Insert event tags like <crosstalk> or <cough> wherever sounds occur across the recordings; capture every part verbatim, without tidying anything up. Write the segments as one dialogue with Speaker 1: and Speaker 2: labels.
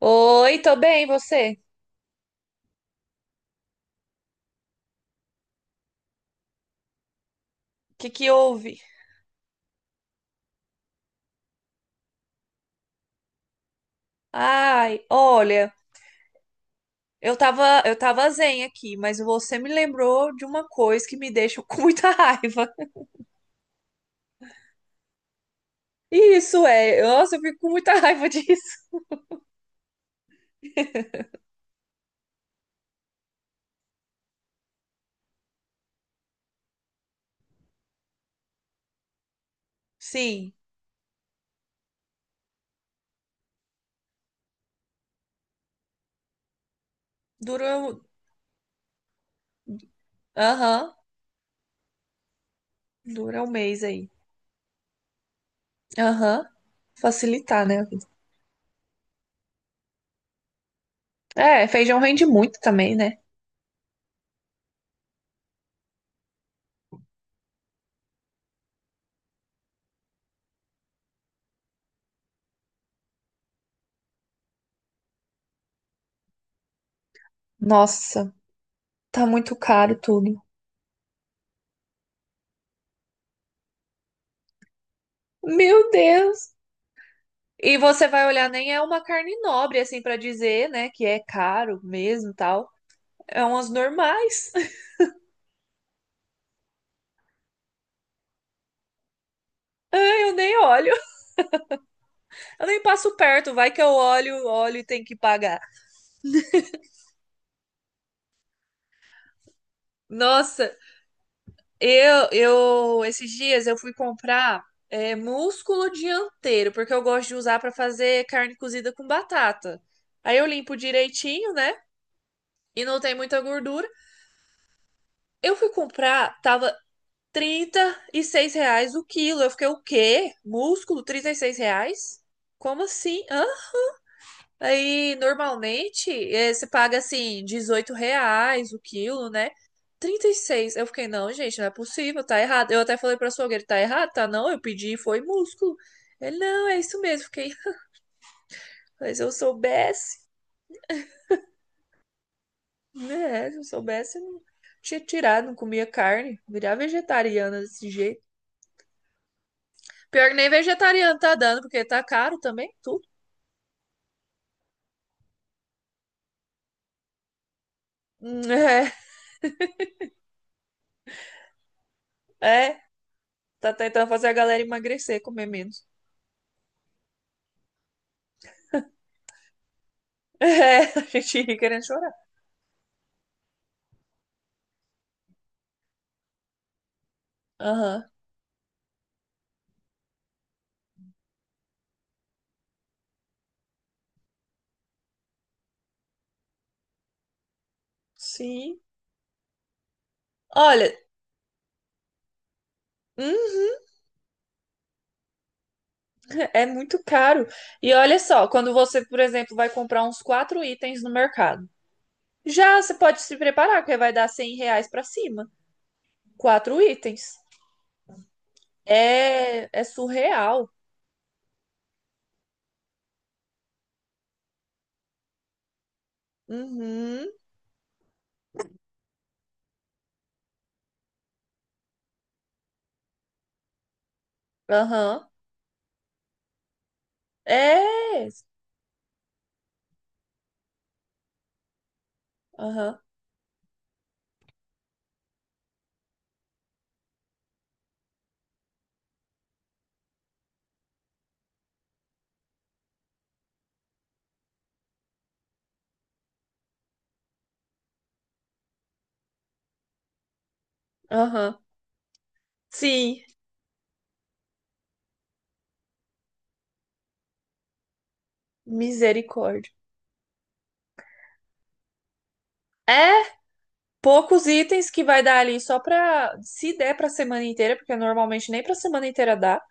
Speaker 1: Oi, tô bem, e você? O que que houve? Ai, olha, eu tava, eu tava zen aqui, mas você me lembrou de uma coisa que me deixa com muita <laughs> raiva. Isso é, nossa, eu fico com muita raiva disso. Sim, dura, um- aham, dura um mês aí. Aham, facilitar, né? É, feijão rende muito também, né? Nossa, tá muito caro tudo. Meu Deus! E você vai olhar, nem é uma carne nobre, assim, pra dizer, né, que é caro mesmo, e tal. É umas normais. <laughs> Ai, eu nem olho. Eu nem passo perto, vai que eu olho, olho e tem que pagar. Nossa, eu, eu, esses dias eu fui comprar é, músculo dianteiro, porque eu gosto de usar pra fazer carne cozida com batata. Aí eu limpo direitinho, né? E não tem muita gordura. Eu fui comprar, tava trinta e seis reais o quilo. Eu fiquei, o quê? Músculo, trinta e seis reais? Como assim? Hã? Aí, normalmente, eh, você paga, assim, dezoito reais o quilo, né? Trinta e seis. Eu fiquei, não, gente, não é possível, tá errado. Eu até falei pra açougueiro, tá errado? Tá não, eu pedi e foi músculo. Ele, não, é isso mesmo. Fiquei, mas se eu soubesse, né? Se eu soubesse, eu não tinha tirado, não comia carne. Virar vegetariana desse jeito. Pior que nem vegetariano tá dando, porque tá caro também, tudo. <laughs> É, é. Tá tentando fazer a galera emagrecer, comer menos. <laughs> É, a gente ri querendo chorar. Aham. Sim. Olha, hum, é muito caro. E olha só, quando você, por exemplo, vai comprar uns quatro itens no mercado, já você pode se preparar, porque vai dar cem reais pra cima. Quatro itens. É, é surreal. Uhum. Aham. É. Aham. Aham. Sim. Misericórdia. É poucos itens que vai dar ali só pra. Se der pra semana inteira, porque normalmente nem pra semana inteira dá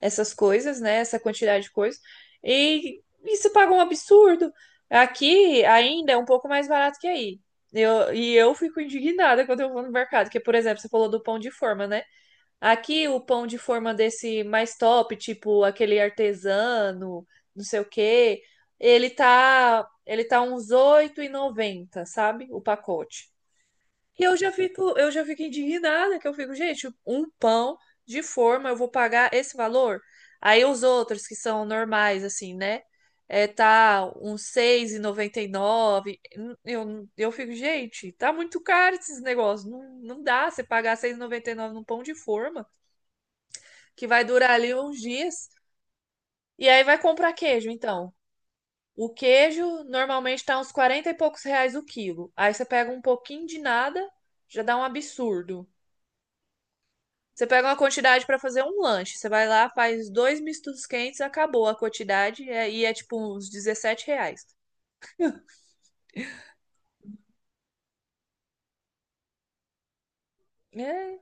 Speaker 1: essas coisas, né? Essa quantidade de coisas. E isso paga um absurdo. Aqui ainda é um pouco mais barato que aí. Eu, e eu fico indignada quando eu vou no mercado, porque, por exemplo, você falou do pão de forma, né? Aqui o pão de forma desse mais top, tipo aquele artesano, não sei o quê, ele tá, ele tá uns oito e noventa sabe? O pacote. E eu já fico, eu já fico indignada, que eu fico, gente, um pão de forma, eu vou pagar esse valor? Aí os outros que são normais, assim, né? É, tá uns seis e e noventa e nove. Eu, eu fico, gente, tá muito caro esses negócios. Não, não dá você pagar seis e noventa e nove num pão de forma, que vai durar ali uns dias. E aí vai comprar queijo, então. O queijo normalmente tá uns quarenta e poucos reais o quilo. Aí você pega um pouquinho de nada, já dá um absurdo. Você pega uma quantidade pra fazer um lanche. Você vai lá, faz dois mistos quentes, acabou a quantidade. é- E é tipo uns dezessete reais. É.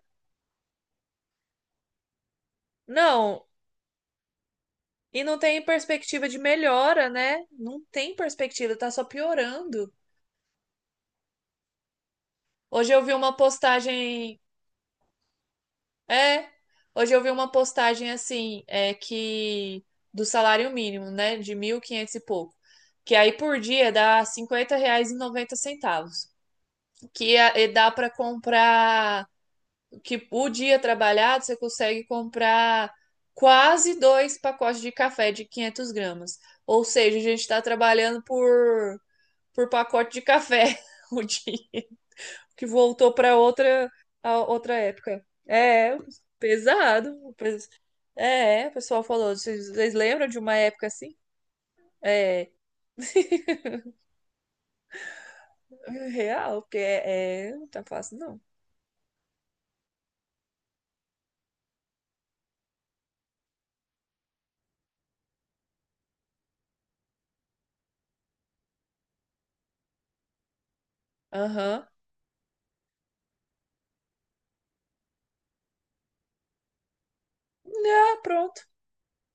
Speaker 1: Não, e não tem perspectiva de melhora, né? Não tem perspectiva, tá só piorando. Hoje eu vi uma postagem. É, hoje eu vi uma postagem assim, é que. Do salário mínimo, né? De mil e quinhentos e quinhentos e pouco. Que aí por dia dá cinquenta reais e noventa centavos, que é- é dá pra comprar, que o dia trabalhado você consegue comprar quase dois pacotes de café de quinhentas gramas. Ou seja, a gente está trabalhando por, por pacote de café <laughs> o dia que voltou para outra a outra época. É pesado. pes- É, o pessoal falou. Vocês, vocês lembram de uma época assim? É <laughs> real, porque é, é, não tá fácil não. Aham. Ah, pronto.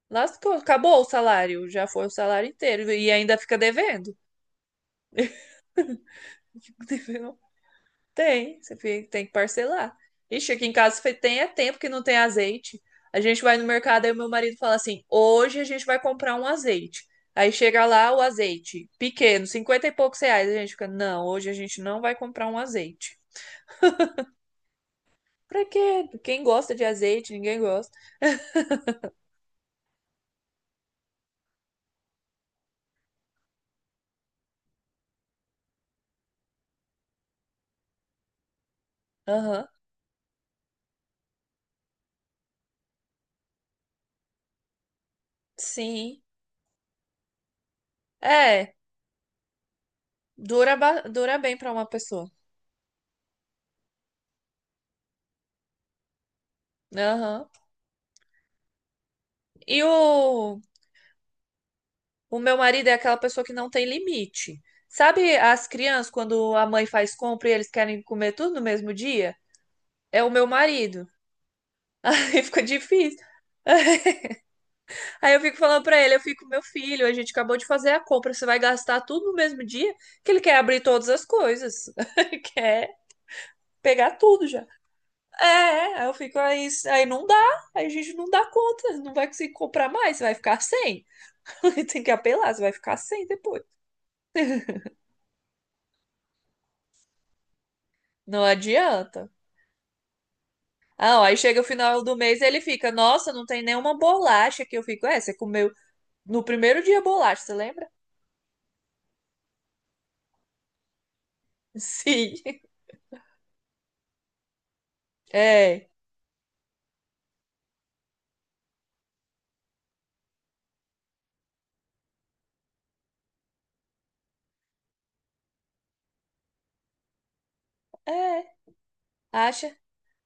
Speaker 1: Lascou, acabou o salário, já foi o salário inteiro e ainda fica devendo. <laughs> Devendo. Tem, você fi- tem que parcelar. Ixi, aqui em casa fe- tem é tempo que não tem azeite. A gente vai no mercado e o meu marido fala assim: hoje a gente vai comprar um azeite. Aí chega lá o azeite pequeno, cinquenta e poucos reais. A gente fica: não, hoje a gente não vai comprar um azeite. Pra quê? Quem gosta de azeite? Ninguém gosta. Aham, sim. É, dura, ba- dura bem pra uma pessoa. Aham. E o O meu marido é aquela pessoa que não tem limite. Sabe as crianças, quando a mãe faz compra e eles querem comer tudo no mesmo dia? É o meu marido. <laughs> Aí fica difícil. <laughs> Aí eu fico falando pra ele, eu fico, meu filho, a gente acabou de fazer a compra, você vai gastar tudo no mesmo dia? Que ele quer abrir todas as coisas. <laughs> quer pegar tudo já. É, é, aí eu fico, aí, aí não dá, aí a gente não dá conta, não vai conseguir comprar mais, você vai ficar sem. <laughs> Tem que apelar, você vai ficar sem depois. Não adianta. Ah, ó, aí chega o final do mês e ele fica, nossa, não tem nenhuma bolacha que eu fico. É, você comeu no primeiro dia bolacha, você lembra? <laughs> Sim. É, é, acha.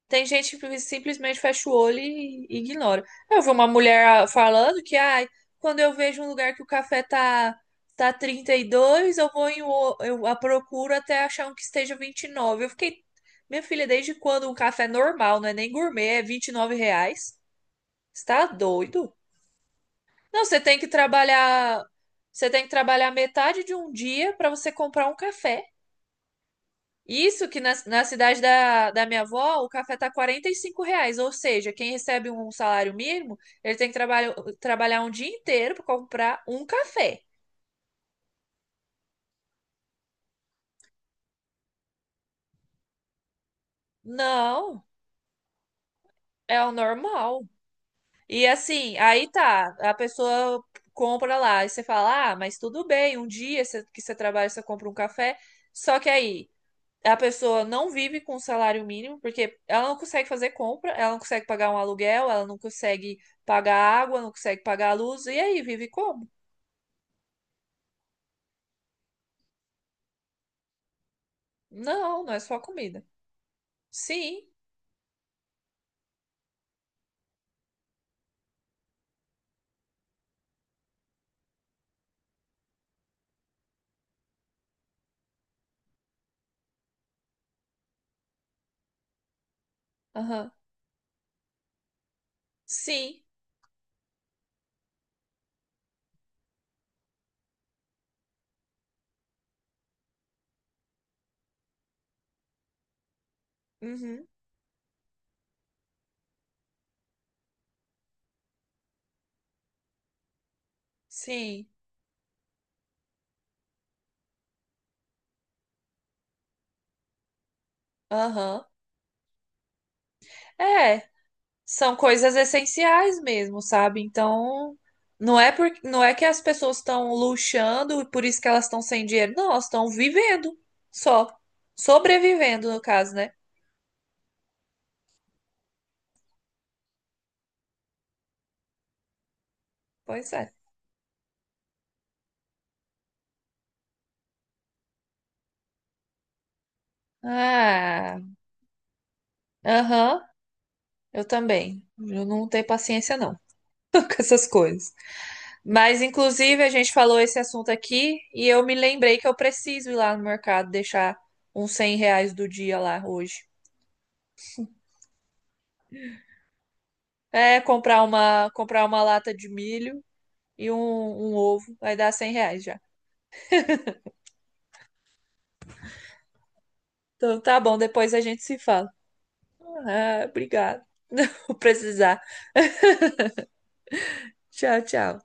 Speaker 1: Tem gente que simplesmente fecha o olho e e ignora. Eu vi uma mulher ah, falando que, ai, quando eu vejo um lugar que o café tá, tá trinta e dois, eu vou em, o- eu a procuro até achar um que esteja vinte e nove. Eu fiquei, minha filha, desde quando um café normal, não é nem gourmet, é vinte e nove reais? Você tá doido? Não, você tem que trabalhar, você tem que trabalhar metade de um dia para você comprar um café. Isso que na, na cidade da, da minha avó, o café tá quarenta e cinco reais, ou seja, quem recebe um salário mínimo, ele tem que trabalhar, trabalhar um dia inteiro para comprar um café. Não, é o normal. E assim, aí tá, a pessoa compra lá, e você fala, ah, mas tudo bem, um dia você- que você trabalha, você compra um café. Só que aí, a pessoa não vive com salário mínimo, porque ela não consegue fazer compra, ela não consegue pagar um aluguel, ela não consegue pagar água, não consegue pagar a luz, e aí vive como? Não, não é só comida. Sim, aham, sim, uhum, sim, aham. É, são coisas essenciais mesmo, sabe? Então, não é por, não é que as pessoas estão luxando e por isso que elas estão sem dinheiro, não, elas estão vivendo só, sobrevivendo no caso, né? Pois é. Ah. Aham, eu também. Eu não tenho paciência, não, <laughs> com essas coisas. Mas, inclusive, a gente falou esse assunto aqui e eu me lembrei que eu preciso ir lá no mercado deixar uns cem reais do dia lá hoje. É, comprar uma, comprar uma lata de milho e um, um ovo. Vai dar cem reais já. Então, tá bom, depois a gente se fala. Ah, obrigado. <laughs> Não vou precisar. Tchau, tchau.